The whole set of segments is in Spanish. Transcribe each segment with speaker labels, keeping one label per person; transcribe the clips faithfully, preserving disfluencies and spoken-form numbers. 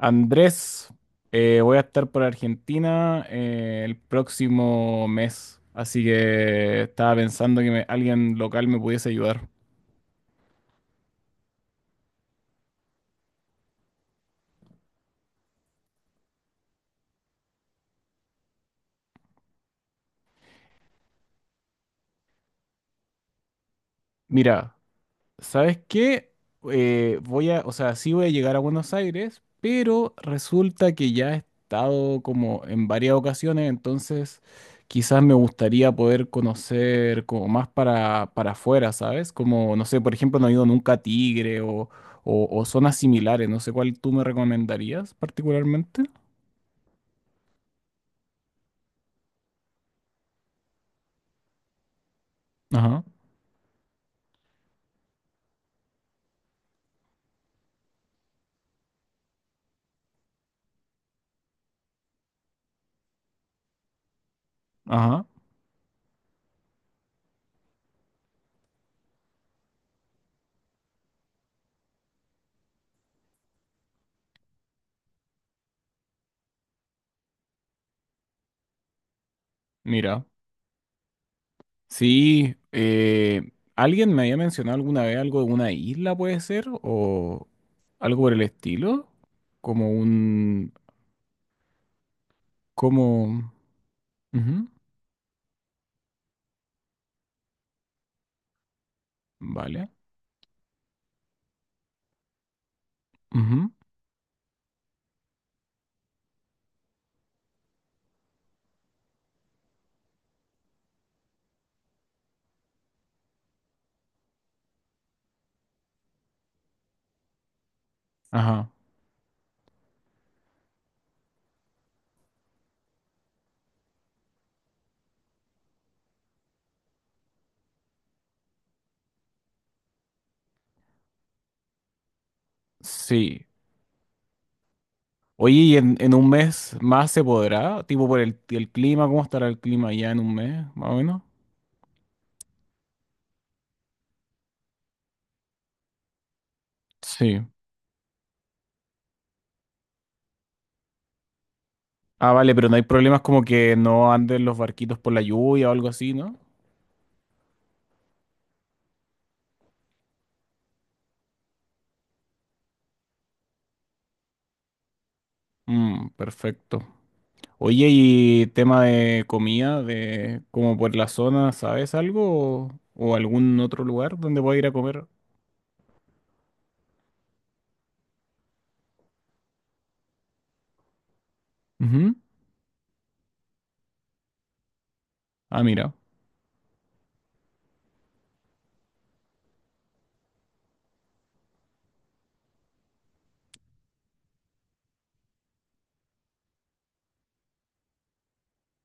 Speaker 1: Andrés, eh, voy a estar por Argentina eh, el próximo mes, así que estaba pensando que me- alguien local me pudiese ayudar. Mira, ¿sabes qué? Eh, voy a, o sea, sí voy a llegar a Buenos Aires, pero resulta que ya he estado como en varias ocasiones, entonces quizás me gustaría poder conocer como más para, para afuera, ¿sabes? Como, no sé, por ejemplo, no he ido nunca a Tigre o, o, o zonas similares, no sé cuál tú me recomendarías particularmente. Ajá, ajá, mira. Sí, eh, alguien me había mencionado alguna vez algo de una isla, puede ser, o algo por el estilo, como un, como, ujú, vale, ujú, ajá, sí. Oye, ¿y en, en un mes más se podrá? Tipo por el, el clima, ¿cómo estará el clima ya en un mes, más o menos? Sí. Ah, vale, pero no hay problemas como que no anden los barquitos por la lluvia o algo así, ¿no? Mm, perfecto. Oye, y tema de comida, de como por la zona, ¿sabes algo? ¿O, o algún otro lugar donde pueda ir a comer? Ujú. Ah, mira.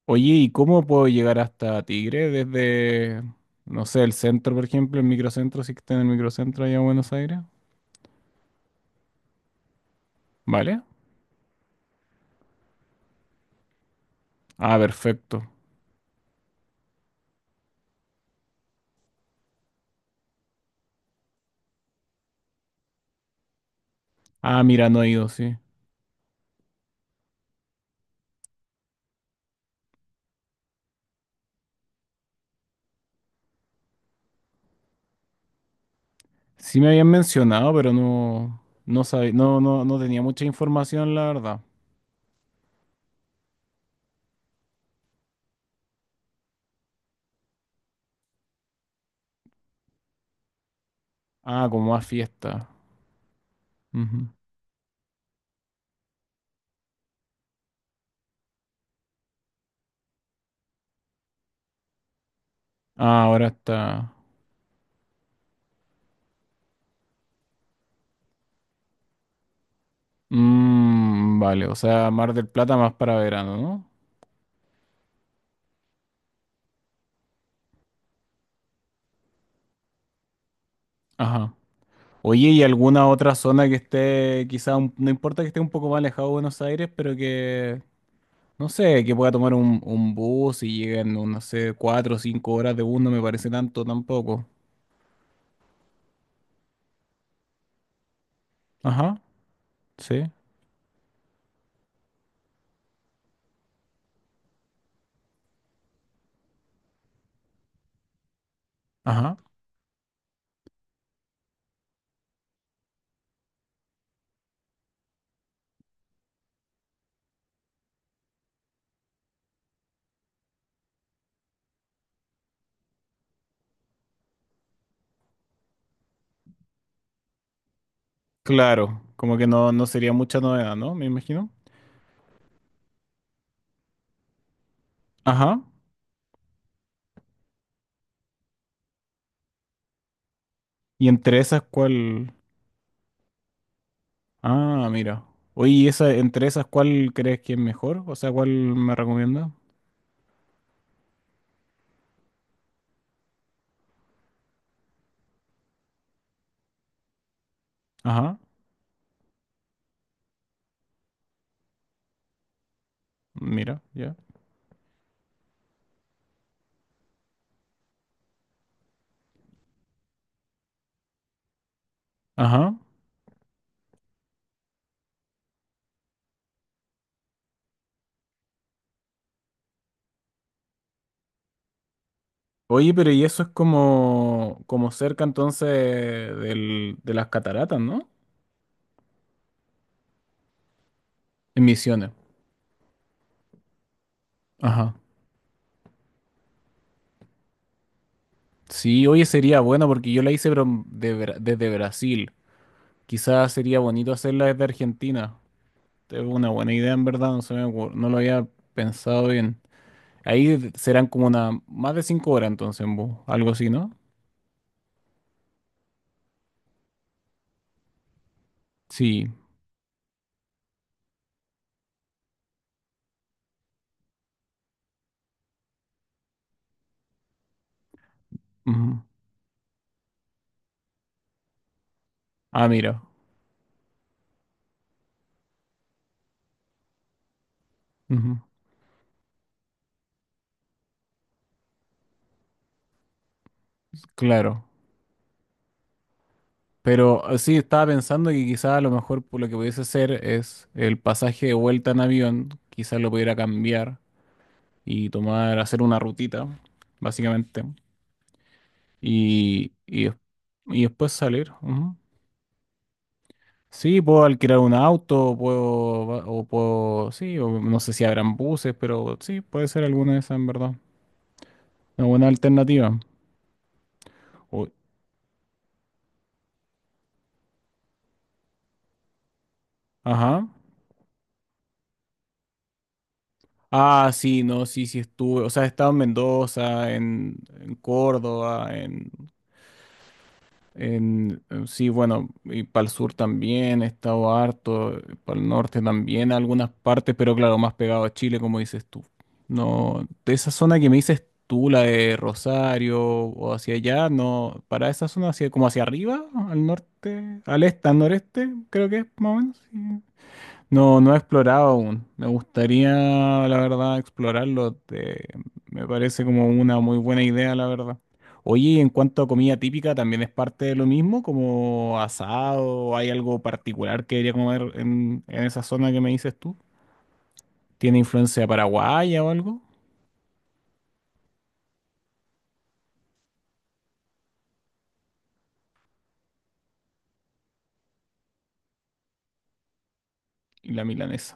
Speaker 1: Oye, ¿y cómo puedo llegar hasta Tigre desde, no sé, el centro, por ejemplo, el microcentro, si que está en el microcentro allá en Buenos Aires? ¿Vale? Ah, perfecto. Ah, mira, no he ido, sí. Sí me habían mencionado, pero no, no sabía, no, no, no tenía mucha información, la verdad. Ah, como más fiesta. Ujú. Ah, ahora está. Mm, vale, o sea, Mar del Plata más para verano, ¿no? Ajá. Oye, ¿y alguna otra zona que esté, quizá, un- no importa que esté un poco más alejado de Buenos Aires, pero que, no sé, que pueda tomar un, un bus y lleguen, no no sé, cuatro o cinco horas de bus, no me parece tanto tampoco. Ajá, sí, ajá. Claro, como que no, no sería mucha novedad, ¿no? Me imagino. Ajá. ¿Y entre esas cuál? Ah, mira. Oye, ¿y esa, entre esas cuál crees que es mejor? O sea, ¿cuál me recomienda? Ajá. Mira, ya. Ajá. Oye, pero y eso es como, como cerca entonces del- de las cataratas, ¿no? En Misiones. Ajá. Sí, oye, sería bueno porque yo la hice pero de Bra- desde Brasil. Quizás sería bonito hacerla desde Argentina. Es una buena idea, en verdad, no se me ocur- no lo había pensado bien. Ahí de- serán como una, más de cinco horas entonces en bus, algo así, ¿no? Sí. Ujú. Ah, mira. Ujú. Claro. Pero eh, sí, estaba pensando que quizá a lo mejor pues, lo que pudiese hacer es el pasaje de vuelta en avión, quizá lo pudiera cambiar y tomar, hacer una rutita, básicamente, y, y, des- y después salir. Ujú. Sí, puedo alquilar un auto, puedo, va- o puedo, sí, o no sé si habrán buses, pero sí, puede ser alguna de esas en verdad. Una buena alternativa. O- ajá. Ah, sí, no, sí, sí estuve. O sea, he estado en Mendoza, en, en Córdoba, en. En, eh, sí, bueno, y para el sur también he estado harto, para el norte también algunas partes, pero claro, más pegado a Chile, como dices tú. No, de esa zona que me dices tú, la de Rosario o hacia allá, no, para esa zona hacia, como hacia arriba, al norte, al este, al noreste, creo que es más o menos. Sí. No, no he explorado aún. Me gustaría, la verdad, explorarlo. Te- me parece como una muy buena idea, la verdad. Oye, y en cuanto a comida típica, ¿también es parte de lo mismo, como asado? ¿Hay algo particular que debería comer en, en esa zona que me dices tú? ¿Tiene influencia paraguaya o algo? Y la milanesa.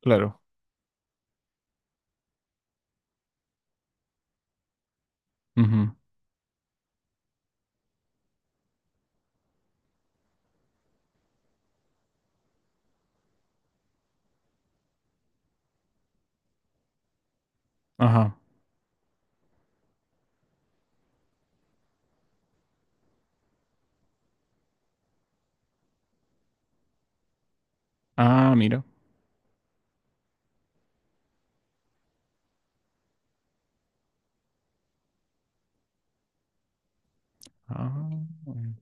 Speaker 1: Claro. Ujú. Ajá. Ah, mira. Ah, bueno.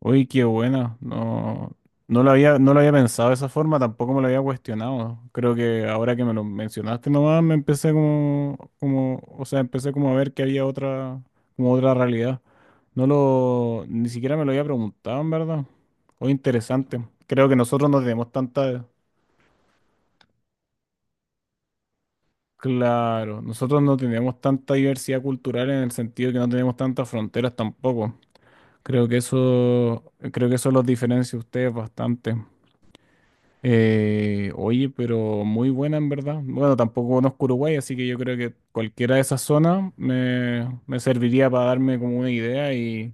Speaker 1: Uy, qué buena. No, no lo había, no lo había pensado de esa forma, tampoco me lo había cuestionado. Creo que ahora que me lo mencionaste nomás, me empecé como, como, o sea, empecé como a ver que había otra, como otra realidad. No lo, ni siquiera me lo había preguntado, en verdad. O interesante. Creo que nosotros no tenemos tanta, claro, nosotros no tenemos tanta diversidad cultural en el sentido que no tenemos tantas fronteras tampoco. Creo que eso, creo que eso los diferencia a ustedes bastante. Eh, oye, pero muy buena en verdad. Bueno, tampoco conozco Uruguay, así que yo creo que cualquiera de esas zonas me, me serviría para darme como una idea y,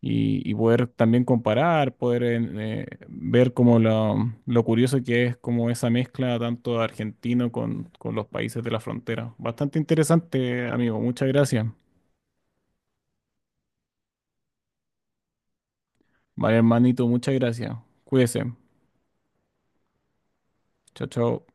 Speaker 1: y- y poder también comparar, poder en- eh, ver como lo, lo curioso que es como esa mezcla tanto argentino con, con los países de la frontera. Bastante interesante, amigo. Muchas gracias. Vale, hermanito, muchas gracias. Cuídese. Chao, chao.